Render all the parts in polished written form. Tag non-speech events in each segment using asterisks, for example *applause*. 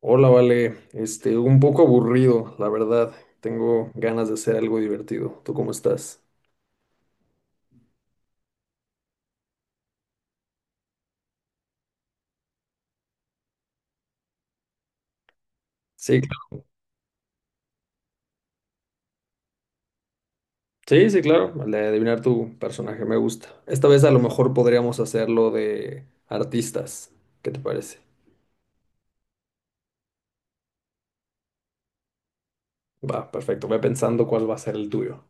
Hola, Vale. Un poco aburrido, la verdad. Tengo ganas de hacer algo divertido. ¿Tú cómo estás? Sí, cl- sí, claro. El de adivinar tu personaje me gusta. Esta vez a lo mejor podríamos hacerlo de artistas. ¿Qué te parece? Va, perfecto. Ve pensando cuál va a ser el tuyo.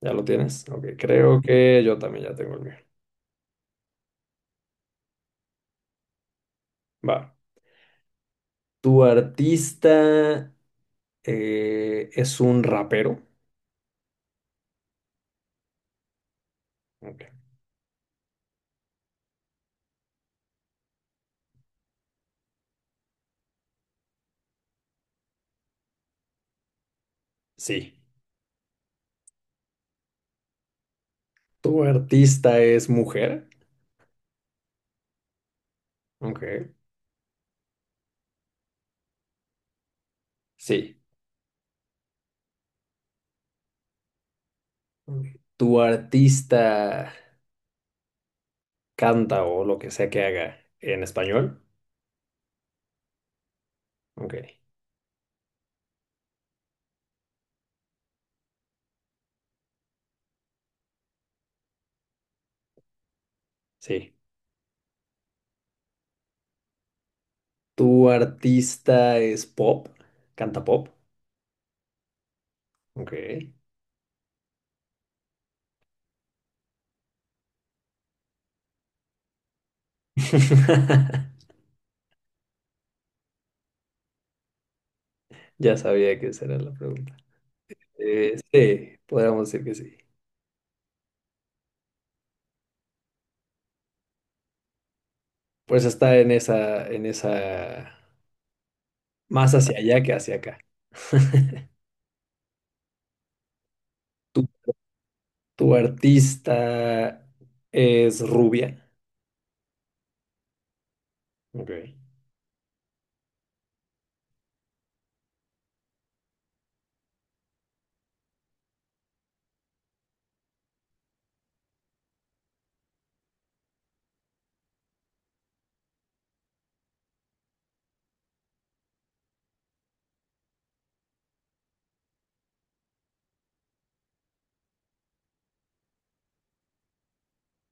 ¿Ya lo tienes? Ok, creo que yo también ya tengo el mío. Va. ¿Tu artista es un rapero? Ok. Sí. ¿Tu artista es mujer? Ok. Sí. ¿Tu artista canta o lo que sea que haga en español? Ok, sí. ¿Tu artista es pop? ¿Canta pop? Ok. *laughs* Ya sabía que esa era la pregunta. Sí, podríamos decir que sí. Pues está en esa, más hacia allá que hacia acá. *laughs* ¿Tu, ¿tu artista es rubia? Ok.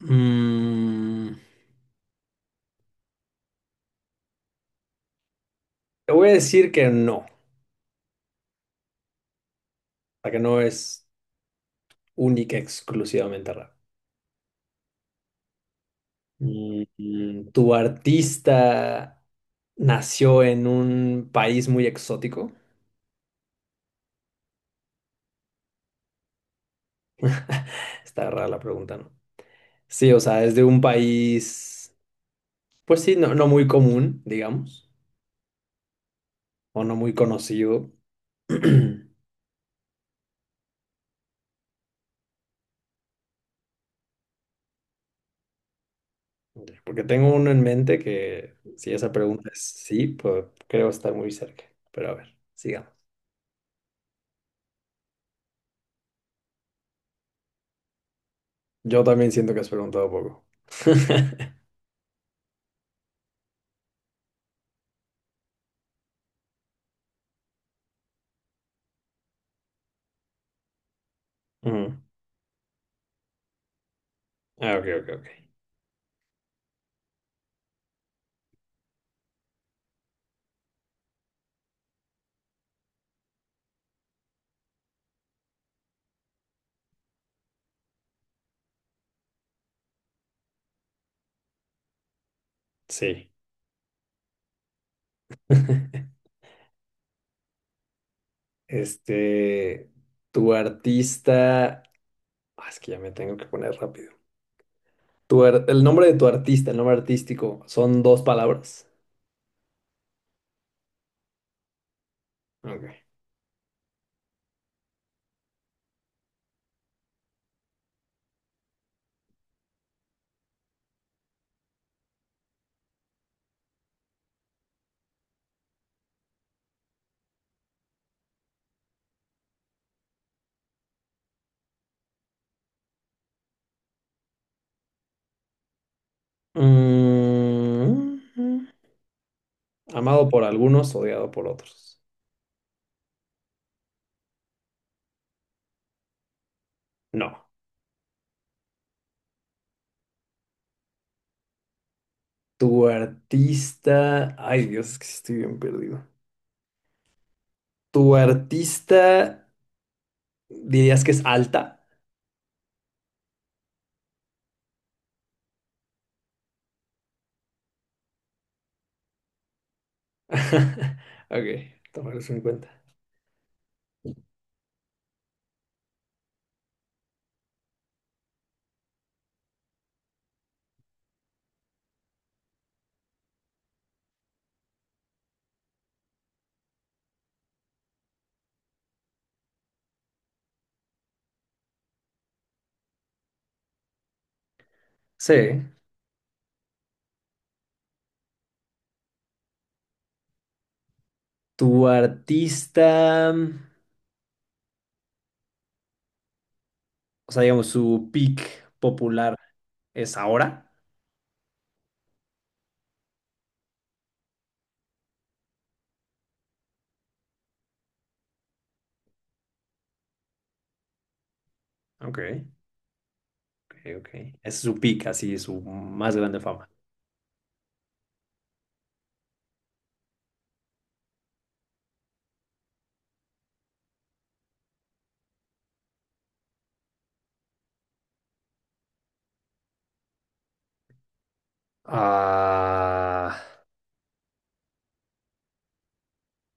Mm, te voy a decir que no. Sea, que no es única, exclusivamente rap. ¿Tu artista nació en un país muy exótico? Está rara la pregunta, ¿no? Sí, o sea, es de un país, pues sí, no, no muy común, digamos, o no muy conocido. *clears throat* Porque tengo uno en mente que, si esa pregunta es sí, pues creo estar muy cerca. Pero a ver, sigamos. Yo también siento que has preguntado poco. *laughs* Ujú. Ah, ok, ok, ok. Sí. *laughs* Este, tu artista, ah, es que ya me tengo que poner rápido. El nombre de tu artista, el nombre artístico, son 2 palabras. Ok. Mm, amado por algunos, odiado por otros. No. Tu artista, ay Dios, es que sí estoy bien perdido. Tu artista, dirías que es alta. *laughs* Ok, tomaré eso en cuenta. Sí. Tu artista. O sea, digamos, su peak popular es ahora. Ok, ok, ok. Es su peak, así, su más grande fama. Ah,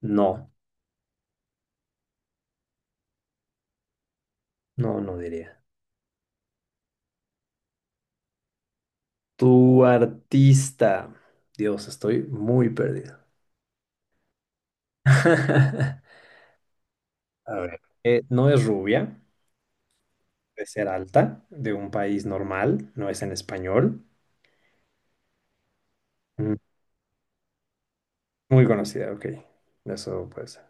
no, no diría. Tu artista. Dios, estoy muy perdido. *laughs* A ver. No es rubia, de ser alta, de un país normal, no es en español. Mm, Muy conocida, ok. Eso puede ser.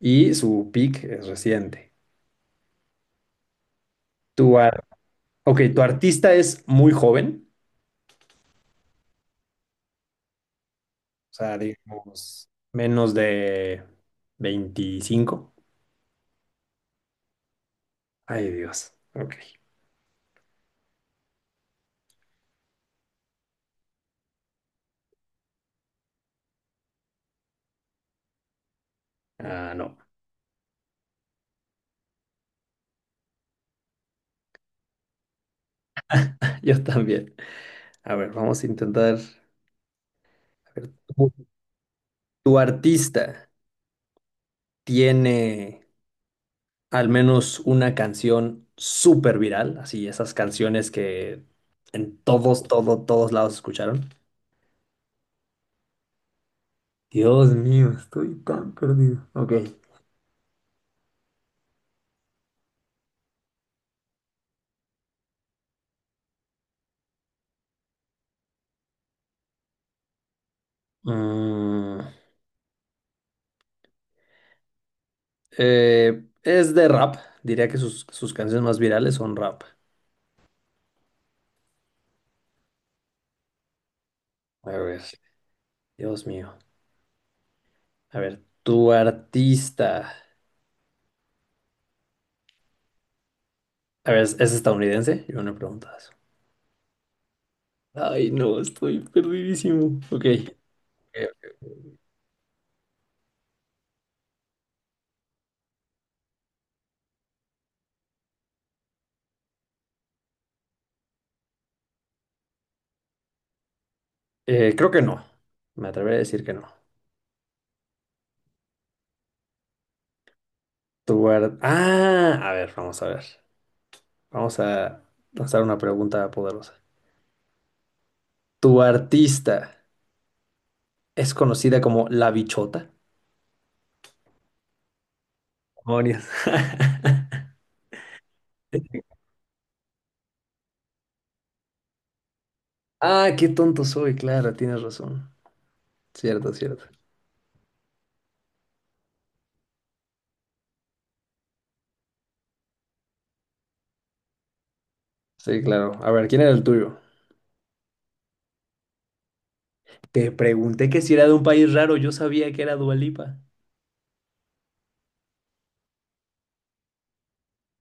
Y su peak es reciente. Tu ar- ok, tu artista es muy joven. O sea, digamos, menos de 25. Ay, Dios. Ok. Ah, no. *laughs* Yo también. A ver, vamos a intentar. A ver, ¿tu, ¿tu artista tiene al menos una canción súper viral? Así, esas canciones que en todos lados escucharon. Dios mío, estoy tan perdido. Ok. Mm, es de rap. Diría que sus canciones más virales son rap. A ver. Dios mío. A ver, tu artista. A ver, ¿es estadounidense? Yo no he preguntado eso. Ay, no, estoy perdidísimo. Ok. Creo que no. Me atreveré a decir que no. Ah, a ver, vamos a ver. Vamos a lanzar una pregunta poderosa. ¿Tu artista es conocida como La Bichota? Demonios. *laughs* Ah, qué tonto soy, claro, tienes razón. Cierto, cierto. Sí, claro. A ver, ¿quién era el tuyo? Te pregunté que si era de un país raro, yo sabía que era Dua Lipa.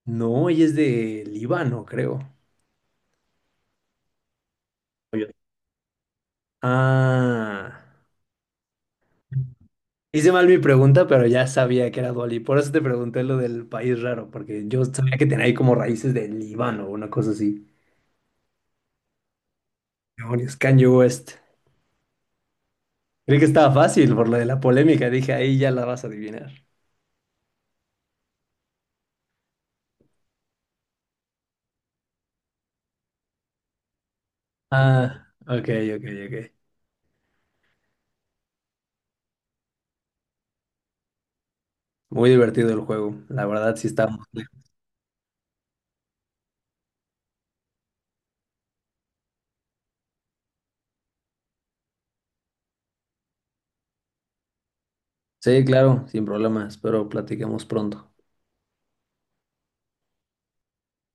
No, ella es de Líbano, creo. Oye. Ah. Hice mal mi pregunta, pero ya sabía que era Dua Lipa. Por eso te pregunté lo del país raro, porque yo sabía que tenía ahí como raíces de Líbano o una cosa así. Demonios, Kanye West. Creí que estaba fácil por lo de la polémica. Dije, ahí ya la vas a adivinar. Ah, ok, ok, ok. Muy divertido el juego. La verdad, sí estamos. Sí, claro, sin problemas. Espero platiquemos pronto.